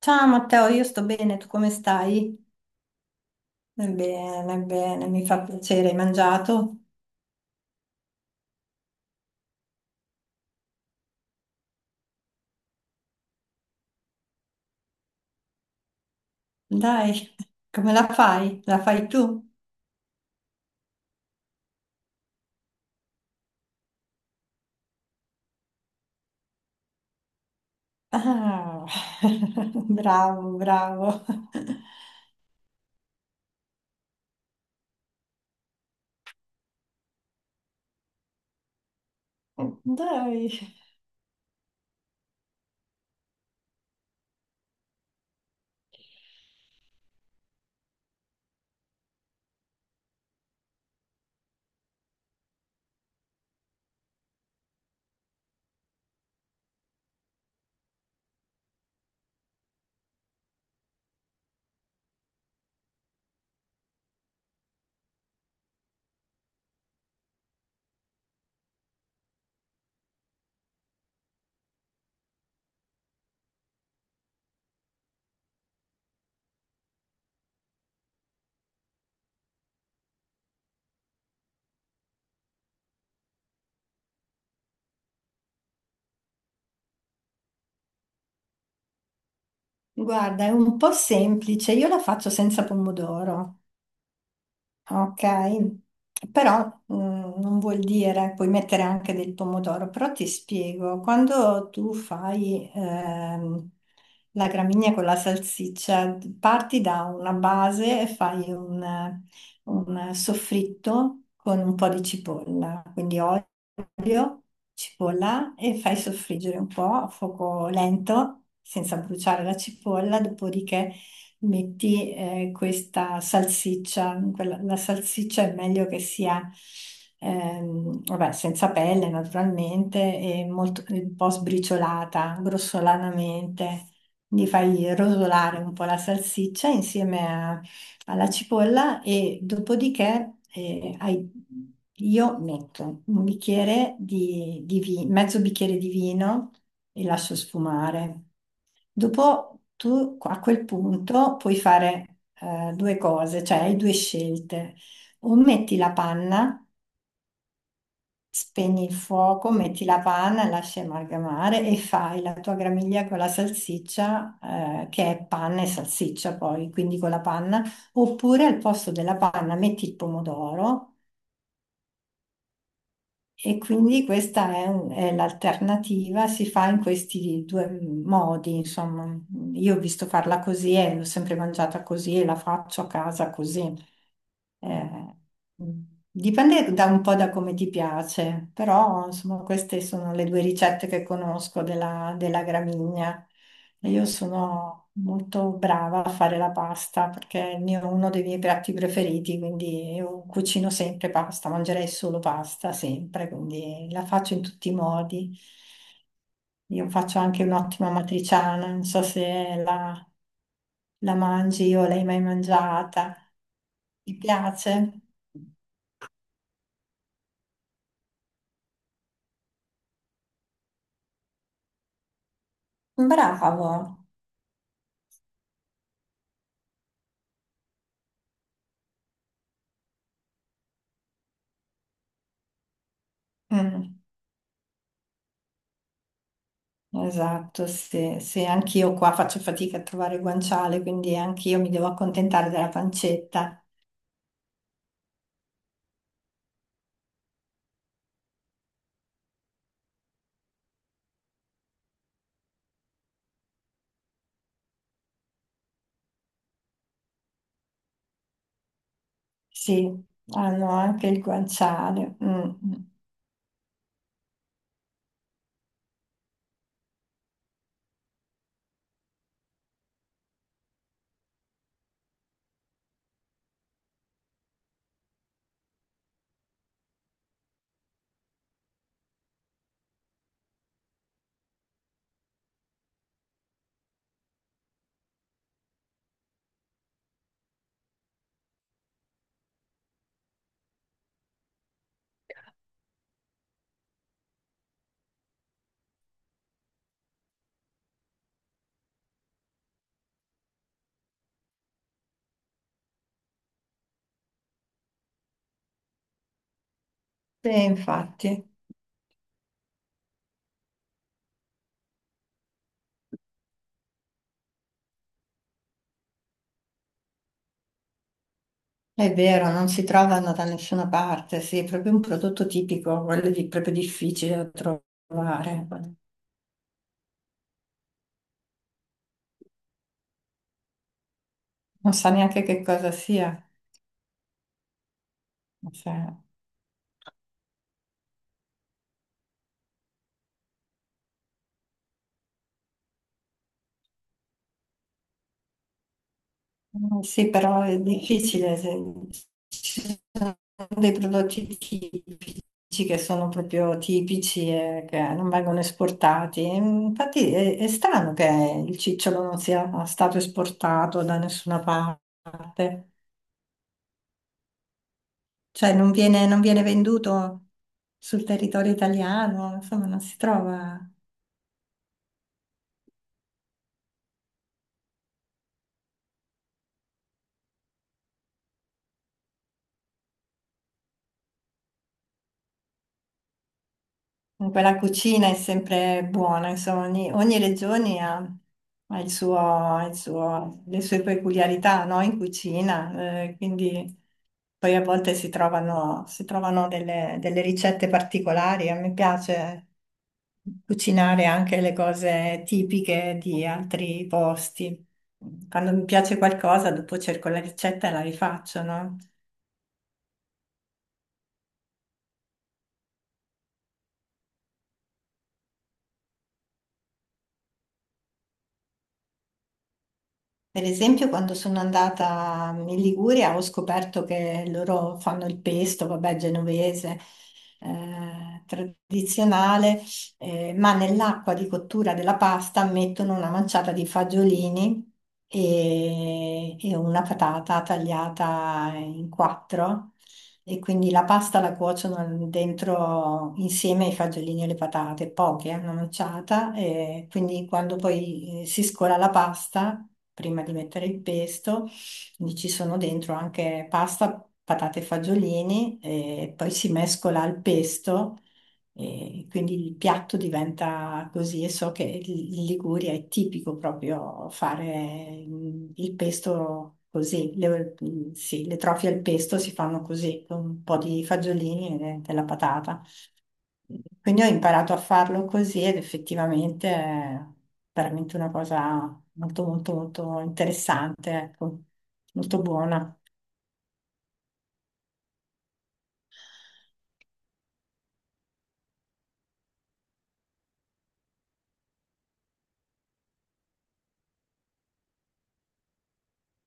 Ciao Matteo, io sto bene, tu come stai? Bene, bene, mi fa piacere, hai mangiato? Dai, come la fai? La fai tu? Ah, bravo, bravo. Dai, guarda, è un po' semplice, io la faccio senza pomodoro. Ok, però non vuol dire, puoi mettere anche del pomodoro, però ti spiego, quando tu fai la gramigna con la salsiccia, parti da una base e fai un soffritto con un po' di cipolla, quindi olio, cipolla e fai soffriggere un po' a fuoco lento, senza bruciare la cipolla, dopodiché metti questa salsiccia, la salsiccia è meglio che sia vabbè, senza pelle naturalmente e un po' sbriciolata, grossolanamente. Quindi fai rosolare un po' la salsiccia alla cipolla e dopodiché io metto un bicchiere di mezzo bicchiere di vino e lascio sfumare. Dopo tu a quel punto puoi fare due cose, cioè hai due scelte. O metti la panna, spegni il fuoco, metti la panna, lasci amalgamare e fai la tua gramiglia con la salsiccia, che è panna e salsiccia poi, quindi con la panna. Oppure al posto della panna metti il pomodoro. E quindi è l'alternativa, si fa in questi due modi, insomma. Io ho visto farla così e l'ho sempre mangiata così e la faccio a casa così. Eh, mm. Dipende da un po' da come ti piace, però insomma queste sono le due ricette che conosco della gramigna. E io sono molto brava a fare la pasta perché è il uno dei miei piatti preferiti, quindi io cucino sempre pasta, mangerei solo pasta sempre, quindi la faccio in tutti i modi. Io faccio anche un'ottima matriciana, non so se la mangi o l'hai mai mangiata. Ti piace? Bravo. Mm, esatto, sì, sì, anch'io qua faccio fatica a trovare guanciale, quindi anch'io mi devo accontentare della pancetta. Sì, hanno anche il guanciale. Mm, mm. Sì, infatti, è vero, non si trovano da nessuna parte, sì, è proprio un prodotto tipico, quello di, proprio difficile da trovare. Non sa neanche che cosa sia. Sì. Mm, sì, però è difficile. Ci sono dei prodotti tipici che sono proprio tipici e che non vengono esportati. Infatti è strano che il cicciolo non sia stato esportato da nessuna parte. Cioè non non viene venduto sul territorio italiano, insomma non si trova. Comunque la cucina è sempre buona, insomma, ogni regione ha il suo, ha il le sue peculiarità, no, in cucina, quindi poi a volte si si trovano delle ricette particolari. A me piace cucinare anche le cose tipiche di altri posti. Quando mi piace qualcosa, dopo cerco la ricetta e la rifaccio, no? Per esempio, quando sono andata in Liguria ho scoperto che loro fanno il pesto, vabbè, genovese, tradizionale, ma nell'acqua di cottura della pasta mettono una manciata di fagiolini e una patata tagliata in quattro. E quindi la pasta la cuociono dentro insieme ai fagiolini e le patate, poche, una manciata, e quindi quando poi si scola la pasta, prima di mettere il pesto, quindi ci sono dentro anche pasta, patate e fagiolini, e poi si mescola al pesto e quindi il piatto diventa così e so che in Liguria è tipico proprio fare il pesto così, sì, le trofie al pesto si fanno così, con un po' di fagiolini e della patata. Quindi ho imparato a farlo così ed effettivamente è veramente una cosa molto molto molto interessante, ecco, molto buona.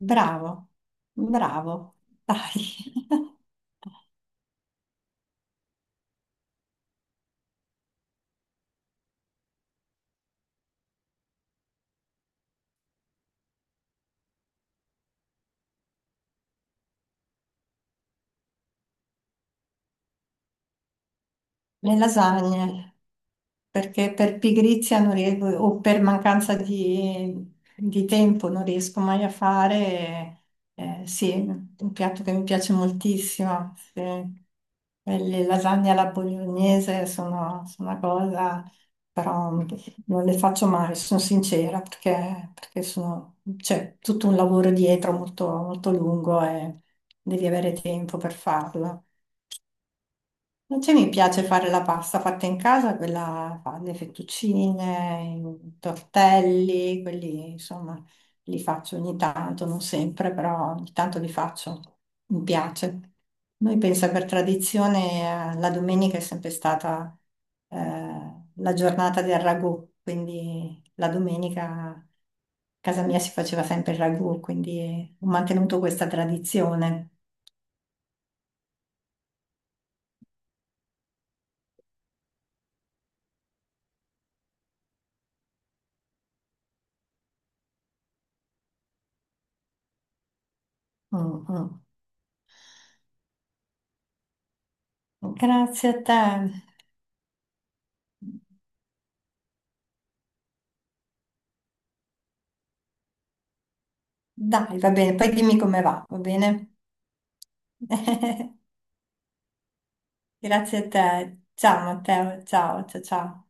Bravo, bravo, dai, le lasagne. Perché per pigrizia non riesco, o per mancanza di tempo non riesco mai a fare. Sì, un piatto che mi piace moltissimo. Sì. Le lasagne alla bolognese sono una cosa, però non le faccio mai, sono sincera, perché c'è tutto un lavoro dietro molto, molto lungo e devi avere tempo per farlo. Invece mi piace fare la pasta fatta in casa, quella fa le fettuccine, i tortelli, quelli insomma li faccio ogni tanto, non sempre, però ogni tanto li faccio, mi piace. Noi pensa per tradizione la domenica è sempre stata la giornata del ragù, quindi la domenica a casa mia si faceva sempre il ragù, quindi ho mantenuto questa tradizione. Mm, mm. Grazie a te. Dai, va bene, poi dimmi come va, va bene? Grazie a te. Ciao Matteo, ciao, ciao, ciao.